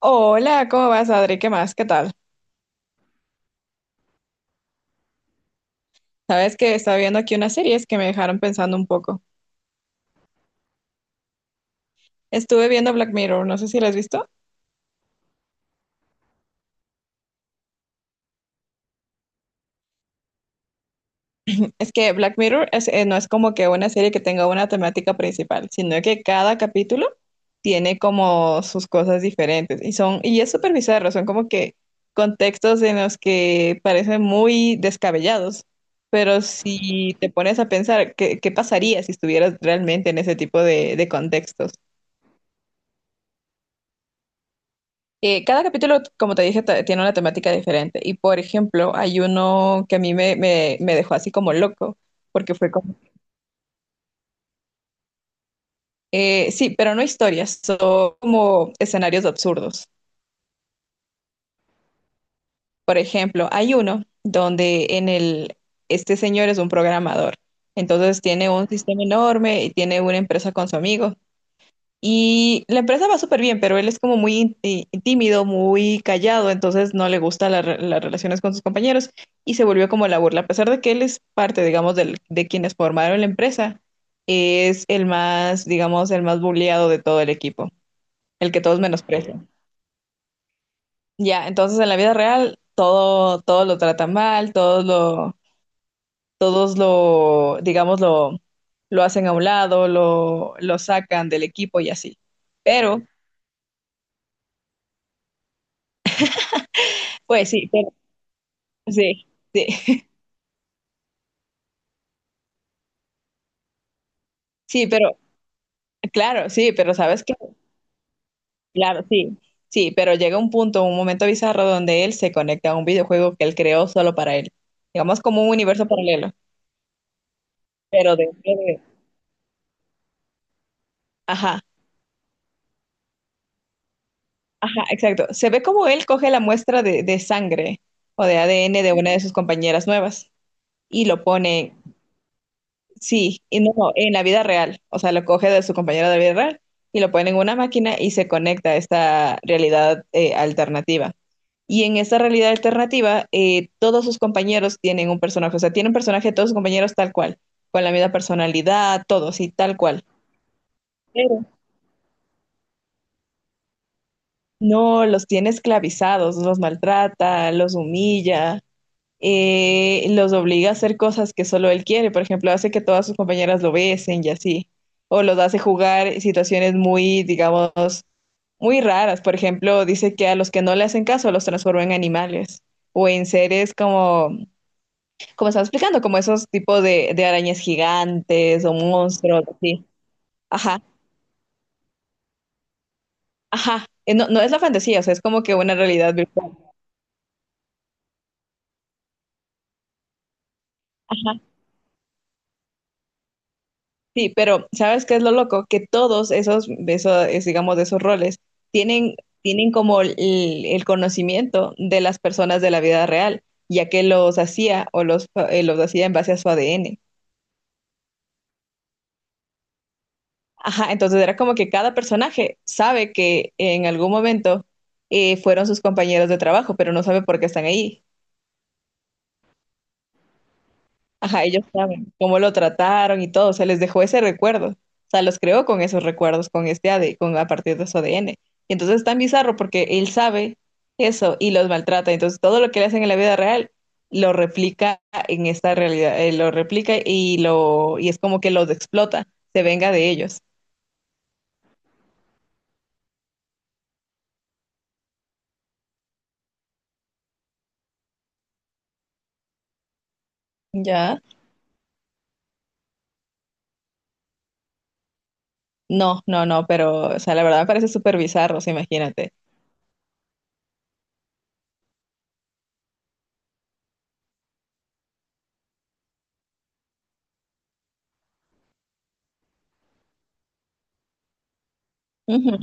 Hola, ¿cómo vas, Adri? ¿Qué más? ¿Qué tal? Sabes que estaba viendo aquí unas series que me dejaron pensando un poco. Estuve viendo Black Mirror, no sé si la has visto. Es que Black Mirror no es como que una serie que tenga una temática principal, sino que cada capítulo tiene como sus cosas diferentes y son y es súper bizarro, son como que contextos en los que parecen muy descabellados, pero si te pones a pensar qué pasaría si estuvieras realmente en ese tipo de contextos. Cada capítulo, como te dije, tiene una temática diferente. Y por ejemplo, hay uno que a mí me dejó así como loco, porque fue como, sí, pero no historias, son como escenarios absurdos. Por ejemplo, hay uno donde en el. Este señor es un programador, entonces tiene un sistema enorme y tiene una empresa con su amigo. Y la empresa va súper bien, pero él es como muy tímido, muy callado, entonces no le gustan las relaciones con sus compañeros y se volvió como la burla. A pesar de que él es parte, digamos, de quienes formaron la empresa, es el más, digamos, el más bulleado de todo el equipo, el que todos menosprecian. Ya, entonces en la vida real todo lo tratan mal, todos lo, digamos, lo hacen a un lado, lo sacan del equipo y así. Pero, pues sí. Sí, sí, sí, pero claro, sí, pero sabes que, claro, sí, sí, pero llega un punto, un momento bizarro donde él se conecta a un videojuego que él creó solo para él, digamos como un universo paralelo, pero dentro de, ajá. Ajá, exacto. Se ve como él coge la muestra de sangre o de ADN de una de sus compañeras nuevas y lo pone. Sí, y no, no, en la vida real. O sea, lo coge de su compañero de la vida real y lo pone en una máquina y se conecta a esta realidad alternativa. Y en esta realidad alternativa, todos sus compañeros tienen un personaje. O sea, tiene un personaje de todos sus compañeros tal cual, con la misma personalidad, todos y tal cual. Pero no los tiene esclavizados, los maltrata, los humilla. Los obliga a hacer cosas que solo él quiere. Por ejemplo, hace que todas sus compañeras lo besen y así. O los hace jugar situaciones muy, digamos, muy raras. Por ejemplo, dice que a los que no le hacen caso los transforma en animales o en seres como, como estaba explicando, como esos tipos de arañas gigantes o monstruos, así. Ajá, ajá. No, no es la fantasía, o sea, es como que una realidad virtual. Sí, pero ¿sabes qué es lo loco? Que todos esos es, digamos, de esos roles tienen, tienen como el conocimiento de las personas de la vida real, ya que los hacía o los hacía en base a su ADN. Ajá, entonces era como que cada personaje sabe que en algún momento fueron sus compañeros de trabajo, pero no sabe por qué están ahí. Ajá, ellos saben cómo lo trataron y todo, se les dejó ese recuerdo. O sea, los creó con esos recuerdos, con este AD, con a partir de su ADN. Y entonces es tan bizarro porque él sabe eso y los maltrata. Entonces todo lo que le hacen en la vida real lo replica en esta realidad, lo replica y es como que los explota, se venga de ellos. Ya. No, no, no, pero o sea, la verdad me parece súper bizarro, o sea, imagínate. Ujú.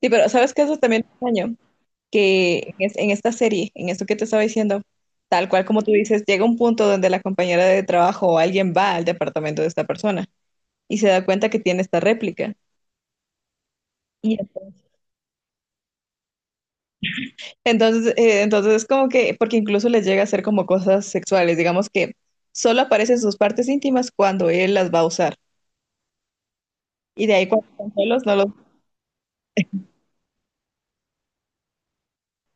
Sí, pero ¿sabes qué? Eso también es extraño. Que en esta serie, en esto que te estaba diciendo, tal cual como tú dices, llega un punto donde la compañera de trabajo o alguien va al departamento de esta persona y se da cuenta que tiene esta réplica. Y entonces es como que, porque incluso les llega a hacer como cosas sexuales, digamos que solo aparecen sus partes íntimas cuando él las va a usar. Y de ahí cuando están solos no los.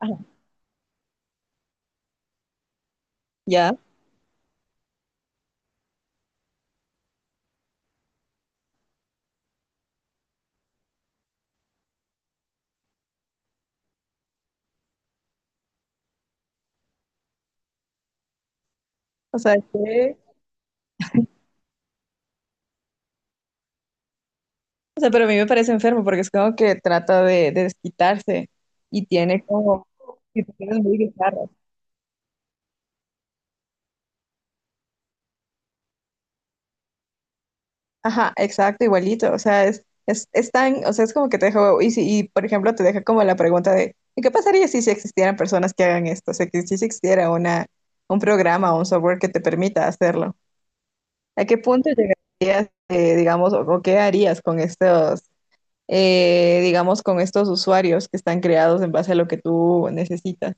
Ajá, ya, o sea, o sea, pero a mí me parece enfermo porque es como que trata de desquitarse y tiene como situaciones muy bizarras. Ajá, exacto, igualito. O sea, es tan, o sea, es como que te deja, y, si, y por ejemplo, te deja como la pregunta de, ¿y qué pasaría si existieran personas que hagan esto? O sea, que si existiera un programa o un software que te permita hacerlo. ¿A qué punto llegarías, digamos, o qué harías con estos, digamos, con estos usuarios que están creados en base a lo que tú necesitas?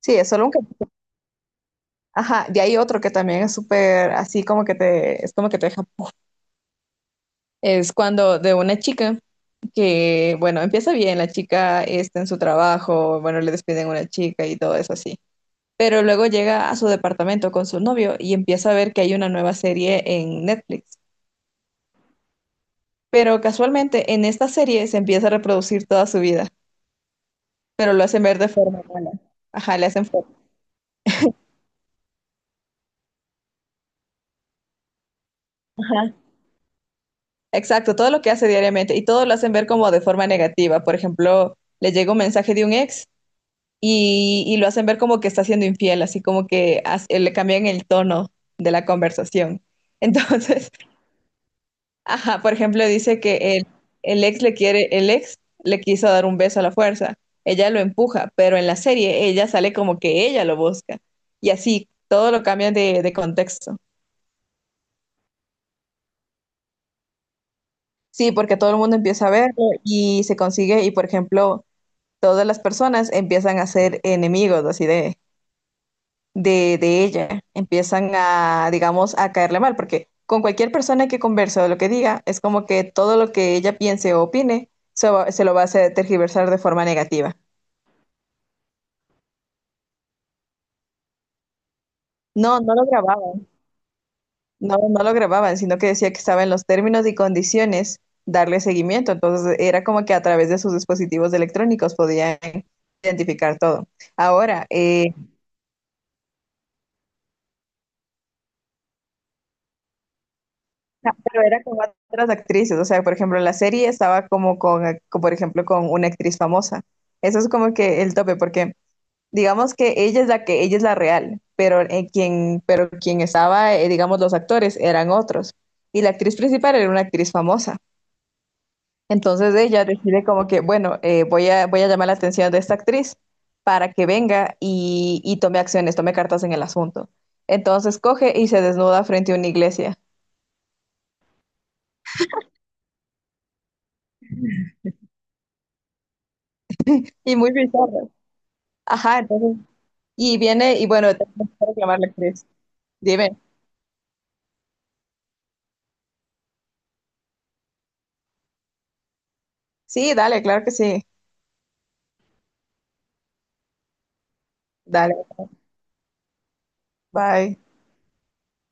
Sí, es solo un Ajá, y hay otro que también es súper así como que es como que te deja, es cuando de una chica. Que, bueno, empieza bien, la chica está en su trabajo, bueno, le despiden una chica y todo eso así. Pero luego llega a su departamento con su novio y empieza a ver que hay una nueva serie en Netflix. Pero casualmente en esta serie se empieza a reproducir toda su vida, pero lo hacen ver de forma mala. Ajá, le hacen forma. Ajá. Exacto, todo lo que hace diariamente y todo lo hacen ver como de forma negativa. Por ejemplo, le llega un mensaje de un ex y lo hacen ver como que está siendo infiel, así como que le cambian el tono de la conversación. Entonces, ajá, por ejemplo, dice que el ex le quiere, el ex le quiso dar un beso a la fuerza, ella lo empuja, pero en la serie ella sale como que ella lo busca y así todo lo cambian de contexto. Sí, porque todo el mundo empieza a verlo y se consigue y, por ejemplo, todas las personas empiezan a ser enemigos, así de ella empiezan a, digamos, a caerle mal, porque con cualquier persona que converse o lo que diga, es como que todo lo que ella piense o opine se lo va a hacer tergiversar de forma negativa. No, no lo grababan, no, no lo grababan, sino que decía que estaba en los términos y condiciones darle seguimiento. Entonces era como que a través de sus dispositivos electrónicos podían identificar todo. Ahora. No, pero era con otras actrices, o sea, por ejemplo, en la serie estaba como con, por ejemplo, con una actriz famosa. Eso es como que el tope, porque digamos que ella es la que, ella es la real, pero quien estaba, digamos, los actores eran otros. Y la actriz principal era una actriz famosa. Entonces ella decide como que, bueno, voy a llamar la atención de esta actriz para que venga y tome acciones, tome cartas en el asunto. Entonces coge y se desnuda frente a una iglesia. Y muy bizarro. Ajá, entonces y viene, y bueno, tengo que llamar a la actriz. Dime. Sí, dale, claro que sí. Dale. Bye.